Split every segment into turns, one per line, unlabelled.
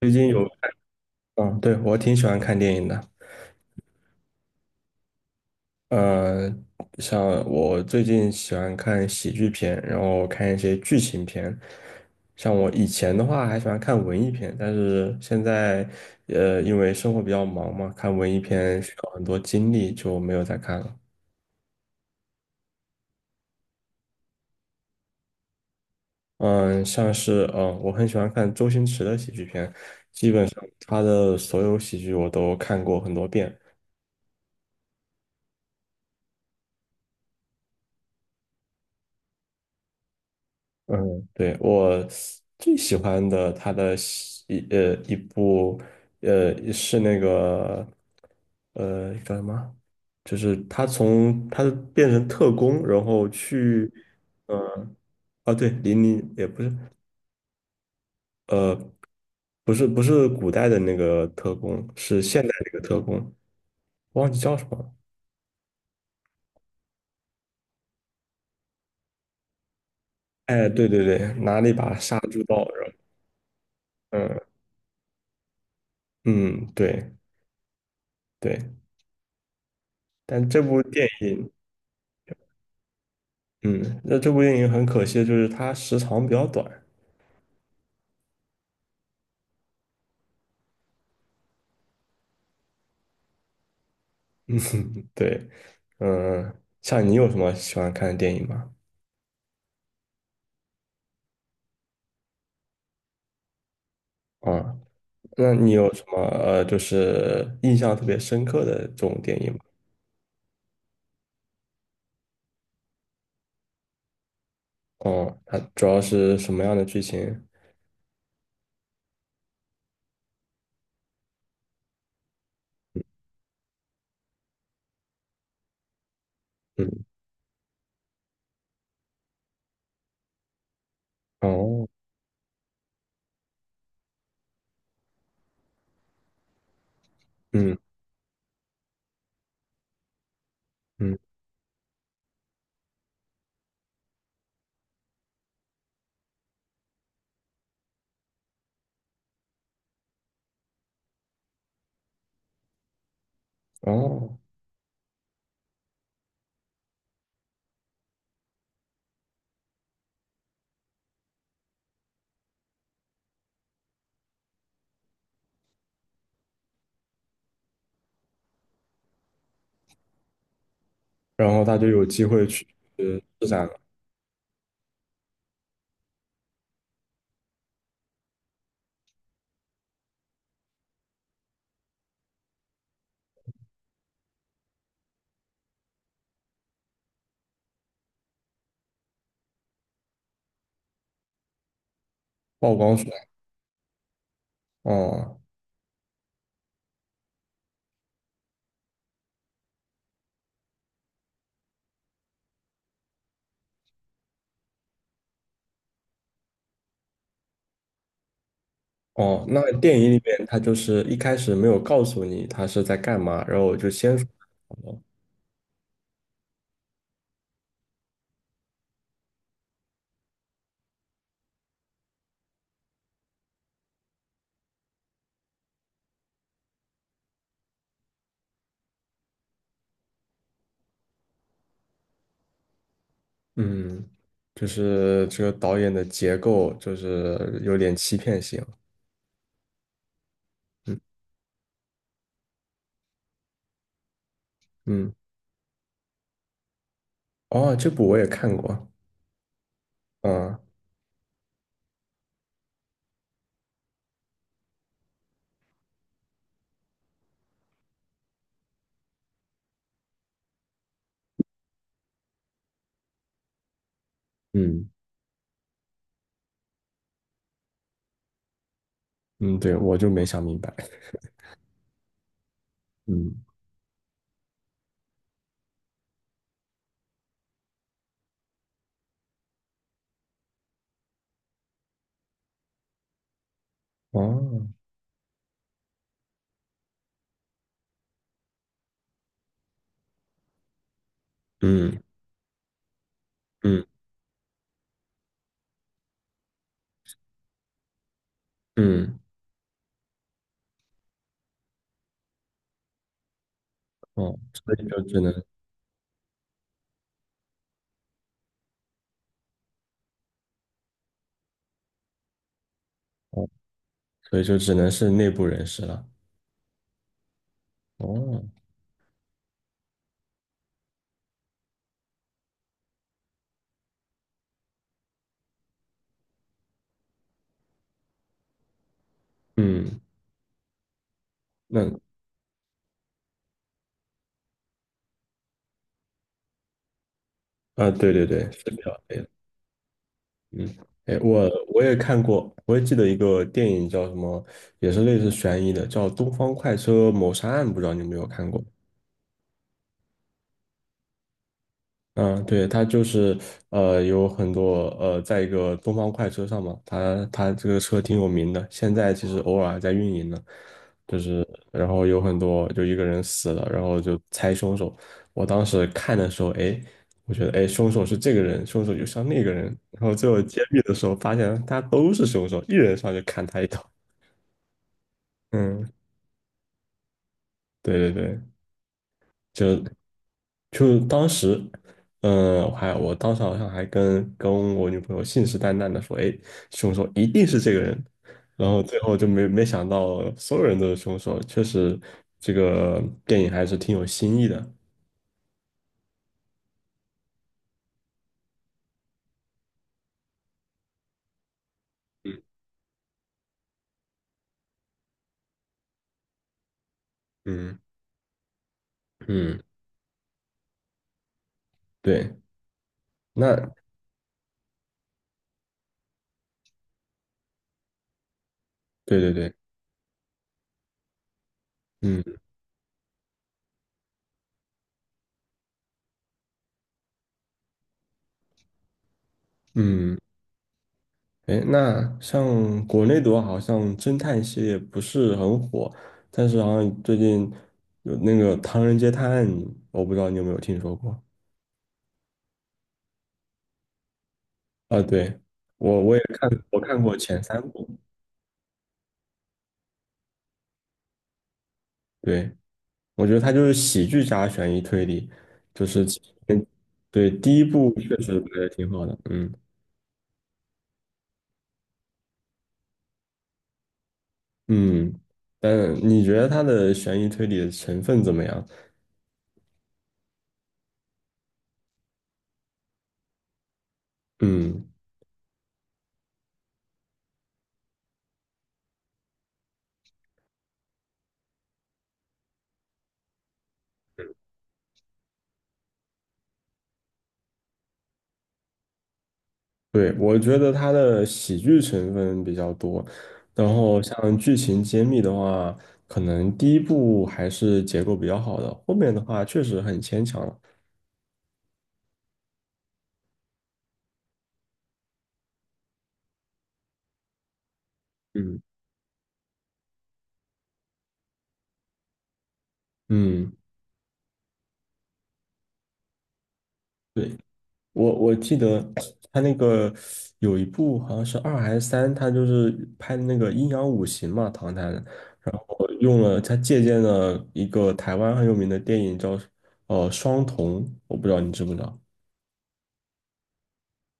最近有。嗯，对，我挺喜欢看电影的。嗯，像我最近喜欢看喜剧片，然后看一些剧情片。像我以前的话还喜欢看文艺片，但是现在，因为生活比较忙嘛，看文艺片需要很多精力，就没有再看了。嗯，像是，我很喜欢看周星驰的喜剧片，基本上他的所有喜剧我都看过很多遍。嗯，对，我最喜欢的他的一部是那个，叫什么？就是他变成特工，然后去。呃啊，对，零零也不是。呃不是，不是古代的那个特工，是现代那个特工，忘记叫什么了。哎，对对对，拿了一把杀猪刀，然后。嗯嗯，对对。但这部电影。嗯，那这部电影很可惜，就是它时长比较短。对。嗯，像你有什么喜欢看的电影吗？啊，那你有什么就是印象特别深刻的这种电影吗？哦，它主要是什么样的剧情？嗯。哦。嗯嗯。哦，然后他就有机会去。呃施展了。曝光出来。哦哦，那电影里面他就是一开始没有告诉你他是在干嘛，然后我就先说。嗯，就是这个导演的结构就是有点欺骗性。嗯。哦，这部我也看过。嗯嗯嗯，对，我就没想明白。嗯。哦。嗯嗯嗯。哦，所以就只能。哦，所以就只能是内部人士了。哦。嗯。那。啊，对对对，是比较累的。嗯，哎，我也看过，我也记得一个电影叫什么，也是类似悬疑的，叫《东方快车谋杀案》，不知道你有没有看过？嗯，对，他就是有很多在一个东方快车上嘛，他这个车挺有名的，现在其实偶尔还在运营呢，就是然后有很多就一个人死了，然后就猜凶手。我当时看的时候，哎，我觉得哎，凶手是这个人，凶手就像那个人，然后最后揭秘的时候发现他都是凶手，一人上去砍他一刀。嗯，对对对。就就当时，嗯，我当时好像还跟我女朋友信誓旦旦的说，哎，凶手一定是这个人，然后最后就没想到所有人都是凶手，确实这个电影还是挺有新意的。嗯嗯，对。那。对对对。嗯嗯，哎，那像国内的话，好像侦探系列不是很火，但是好像最近有那个《唐人街探案》，我不知道你有没有听说过。啊，对，我看过前三部。对，我觉得它就是喜剧加悬疑推理，就是其实。对，第一部确实拍的挺好的。嗯嗯，但你觉得它的悬疑推理的成分怎么样？嗯，对，我觉得它的喜剧成分比较多，然后像剧情揭秘的话，可能第一部还是结构比较好的，后面的话确实很牵强了。嗯嗯。对。我记得 他那个有一部好像是二还是三，他就是拍的那个《阴阳五行》嘛，唐探。我用了他借鉴了一个台湾很有名的电影叫《双瞳》，我不知道你知不知道。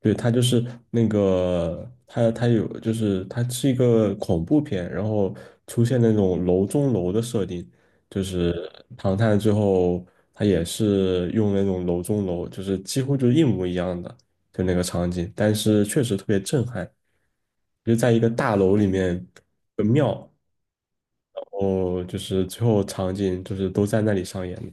对，它就是那个，它有，就是它是一个恐怖片，然后出现那种楼中楼的设定，就是唐探最后它也是用那种楼中楼，就是几乎就是一模一样的，就那个场景，但是确实特别震撼，就在一个大楼里面的庙，然后就是最后场景就是都在那里上演的。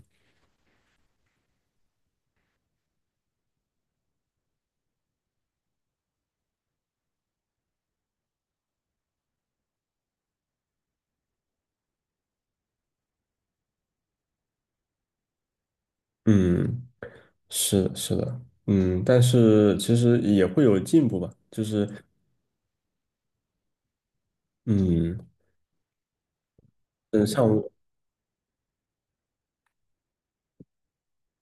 嗯，是的。嗯，但是其实也会有进步吧，就是。嗯，嗯，像我。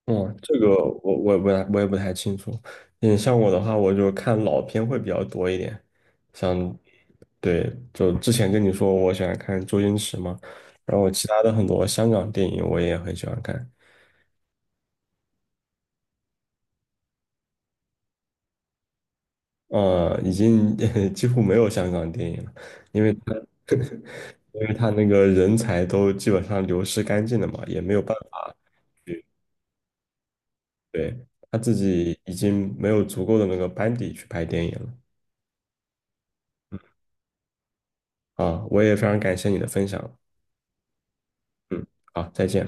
哦，这个我也不太清楚。嗯，像我的话，我就看老片会比较多一点。像，对，就之前跟你说我喜欢看周星驰嘛，然后其他的很多香港电影我也很喜欢看。已经 几乎没有香港电影了，因为他 因为他那个人才都基本上流失干净了嘛，也没有办法去。对，他自己已经没有足够的那个班底去拍电影了。啊，我也非常感谢你的分享。嗯，好，再见。